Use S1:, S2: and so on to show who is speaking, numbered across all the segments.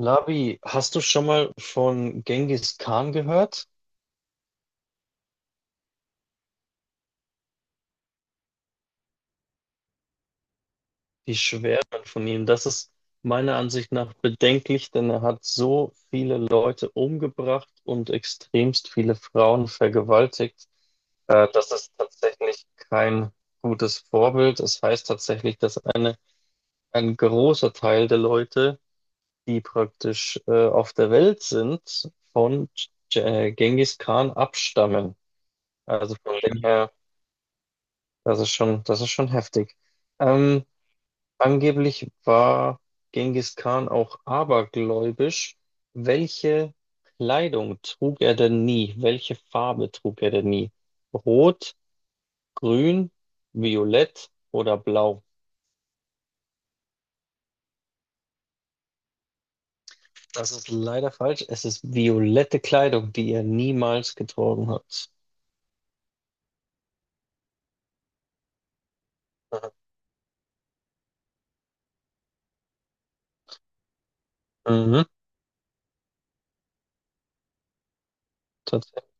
S1: Labi, hast du schon mal von Genghis Khan gehört? Die schwärmen von ihm. Das ist meiner Ansicht nach bedenklich, denn er hat so viele Leute umgebracht und extremst viele Frauen vergewaltigt. Das ist tatsächlich kein gutes Vorbild. Das heißt tatsächlich, dass ein großer Teil der Leute, die praktisch auf der Welt sind, von Genghis Khan abstammen. Also von dem her. Das ist schon heftig. Ähm, angeblich war Genghis Khan auch abergläubisch. Welche Kleidung trug er denn nie? Welche Farbe trug er denn nie? Rot, grün, violett oder blau? Das ist leider falsch. Es ist violette Kleidung, die er niemals getragen hat. Mhm, tatsächlich.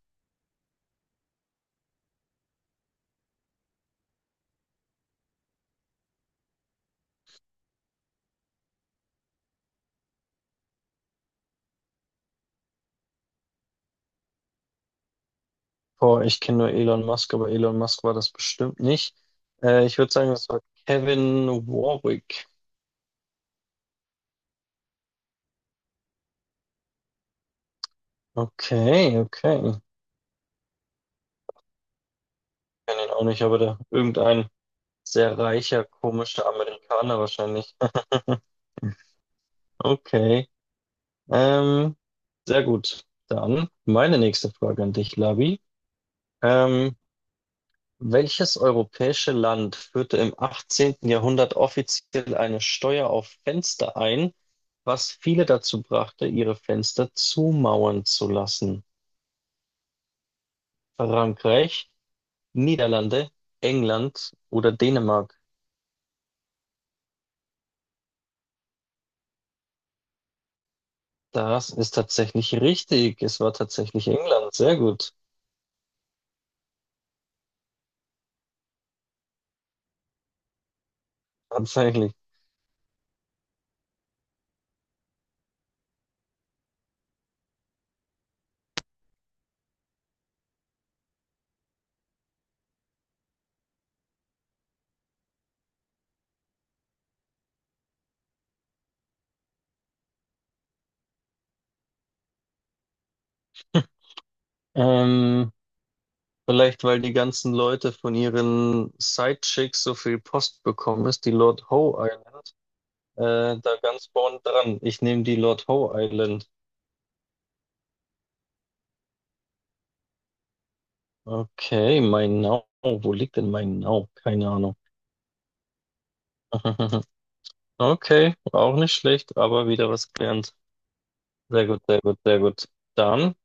S1: Boah, ich kenne nur Elon Musk, aber Elon Musk war das bestimmt nicht. Ich würde sagen, das war Kevin Warwick. Okay, okay. Ich kenne ihn auch nicht, aber irgendein sehr reicher, komischer Amerikaner wahrscheinlich. Okay. Ähm, sehr gut. Dann meine nächste Frage an dich, Labi. Ähm, welches europäische Land führte im 18. Jahrhundert offiziell eine Steuer auf Fenster ein, was viele dazu brachte, ihre Fenster zumauern zu lassen? Frankreich, Niederlande, England oder Dänemark? Das ist tatsächlich richtig. Es war tatsächlich England. Sehr gut. Tatsächlich. Ähm, vielleicht, weil die ganzen Leute von ihren Sidechicks so viel Post bekommen ist, die Lord Howe Island, da ganz vorn dran. Ich nehme die Lord Howe Island. Okay, Mainau. Wo liegt denn Mainau? Keine Ahnung. Okay, auch nicht schlecht, aber wieder was gelernt. Sehr gut, sehr gut, sehr gut. Dann.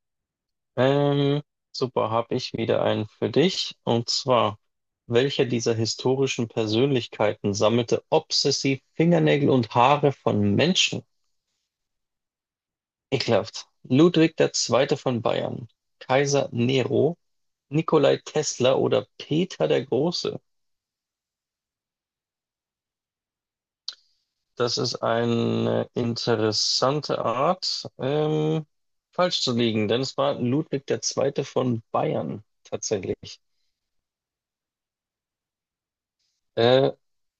S1: Ähm, super, habe ich wieder einen für dich. Und zwar, welcher dieser historischen Persönlichkeiten sammelte obsessiv Fingernägel und Haare von Menschen? Ekelhaft. Ludwig der Zweite von Bayern, Kaiser Nero, Nikolai Tesla oder Peter der Große? Das ist eine interessante Art, falsch zu liegen, denn es war Ludwig der Zweite von Bayern tatsächlich. Äh,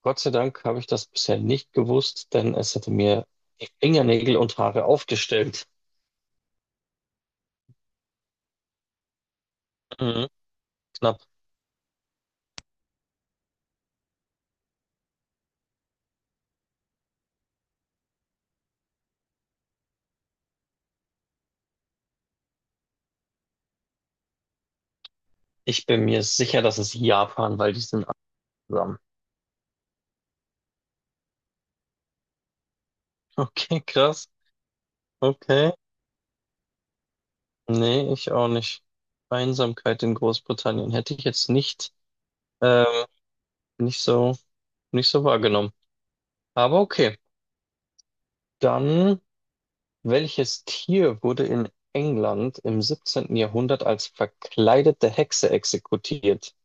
S1: Gott sei Dank habe ich das bisher nicht gewusst, denn es hätte mir die Fingernägel und Haare aufgestellt. Mhm, knapp. Ich bin mir sicher, das ist Japan, weil die sind einsam. Okay, krass. Okay. Nee, ich auch nicht. Einsamkeit in Großbritannien hätte ich jetzt nicht, ähm, nicht so, nicht so wahrgenommen. Aber okay. Dann, welches Tier wurde in England im 17. Jahrhundert als verkleidete Hexe exekutiert?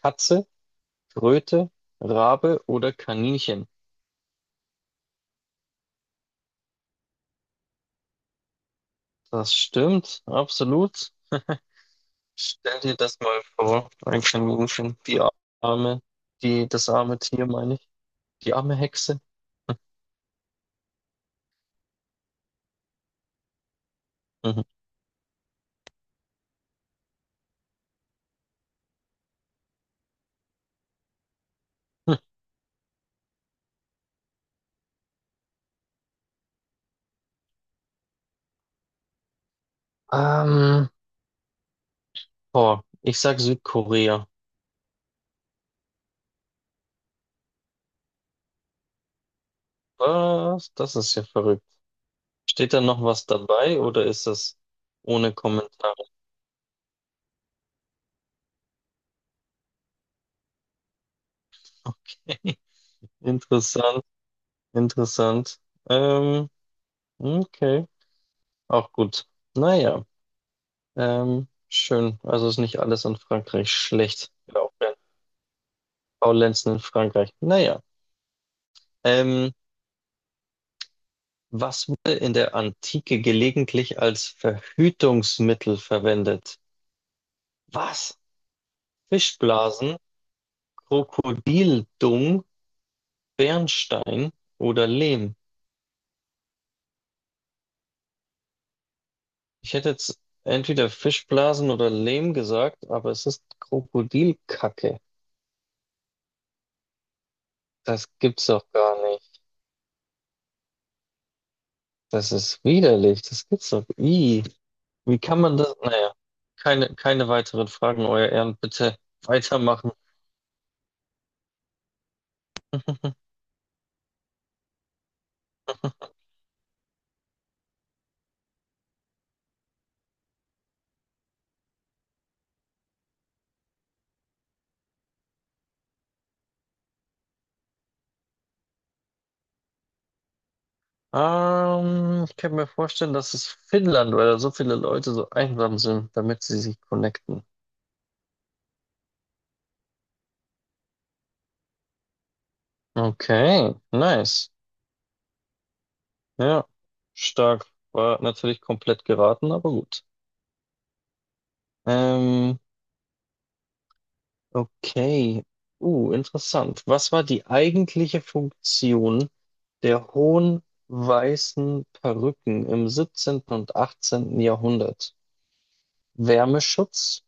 S1: Katze, Kröte, Rabe oder Kaninchen? Das stimmt, absolut. Stell dir das mal vor, ein Kaninchen, die arme, das arme Tier, meine ich, die arme Hexe. Mhm. Hm. Ähm, boah, ich sag Südkorea. Was? Das ist ja verrückt. Steht da noch was dabei oder ist das ohne Kommentare? Okay, interessant, interessant. Ähm, okay, auch gut. Naja. Schön. Also ist nicht alles in Frankreich schlecht. Glaubt Faulenzen in Frankreich. Naja. Ähm, was wurde in der Antike gelegentlich als Verhütungsmittel verwendet? Was? Fischblasen, Krokodildung, Bernstein oder Lehm? Ich hätte jetzt entweder Fischblasen oder Lehm gesagt, aber es ist Krokodilkacke. Das gibt's doch gar nicht. Das ist widerlich. Das gibt's doch. Ih. Wie kann man das? Naja, keine weiteren Fragen, Euer Ehren. Bitte weitermachen. Ich kann mir vorstellen, dass es Finnland weil da so viele Leute so einsam sind, damit sie sich connecten. Okay, nice. Ja, stark. War natürlich komplett geraten, aber gut. Ähm, okay. Interessant. Was war die eigentliche Funktion der hohen weißen Perücken im 17. und 18. Jahrhundert? Wärmeschutz,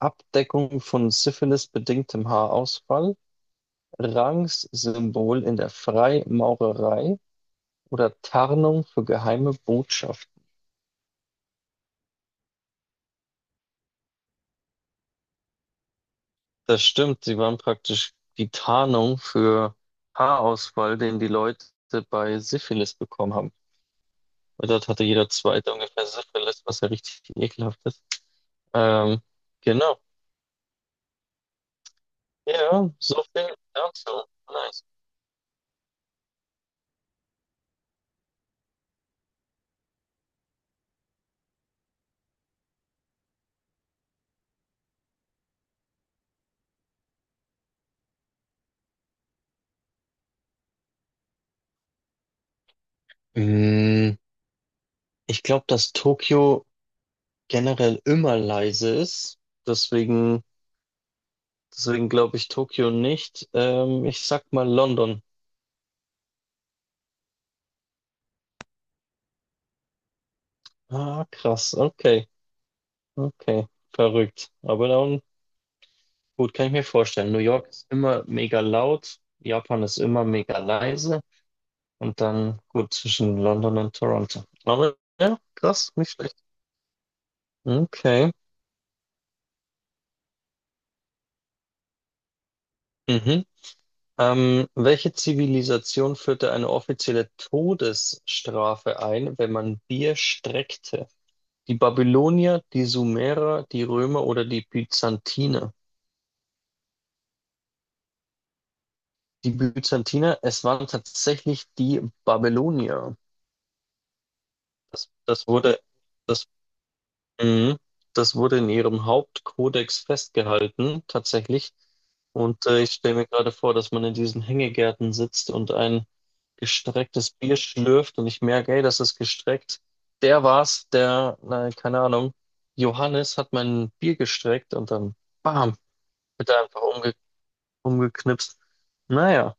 S1: Abdeckung von syphilisbedingtem Haarausfall, Rangssymbol in der Freimaurerei oder Tarnung für geheime Botschaften. Das stimmt, sie waren praktisch die Tarnung für Haarausfall, den die Leute bei Syphilis bekommen haben. Weil dort hatte jeder Zweite ungefähr Syphilis, was ja richtig ekelhaft ist. Ähm, genau. Ja, so viel dazu. Nice. Mm, Ich glaube, dass Tokio generell immer leise ist. Deswegen, deswegen glaube ich Tokio nicht. Ich sag mal London. Ah, krass. Okay. Okay. Verrückt. Aber dann, gut, kann ich mir vorstellen. New York ist immer mega laut. Japan ist immer mega leise. Und dann, gut, zwischen London und Toronto. Aber ja, krass, nicht schlecht. Okay. Mhm. Welche Zivilisation führte eine offizielle Todesstrafe ein, wenn man Bier streckte? Die Babylonier, die Sumerer, die Römer oder die Byzantiner. Die Byzantiner, es waren tatsächlich die Babylonier. Das, das wurde, das, mhm. das wurde in ihrem Hauptkodex festgehalten, tatsächlich. Und ich stelle mir gerade vor, dass man in diesen Hängegärten sitzt und ein gestrecktes Bier schlürft und ich merke, ey, das ist gestreckt. Der war's, na, keine Ahnung, Johannes hat mein Bier gestreckt und dann bam, wird er einfach umgebracht. Umgeknipst. Naja.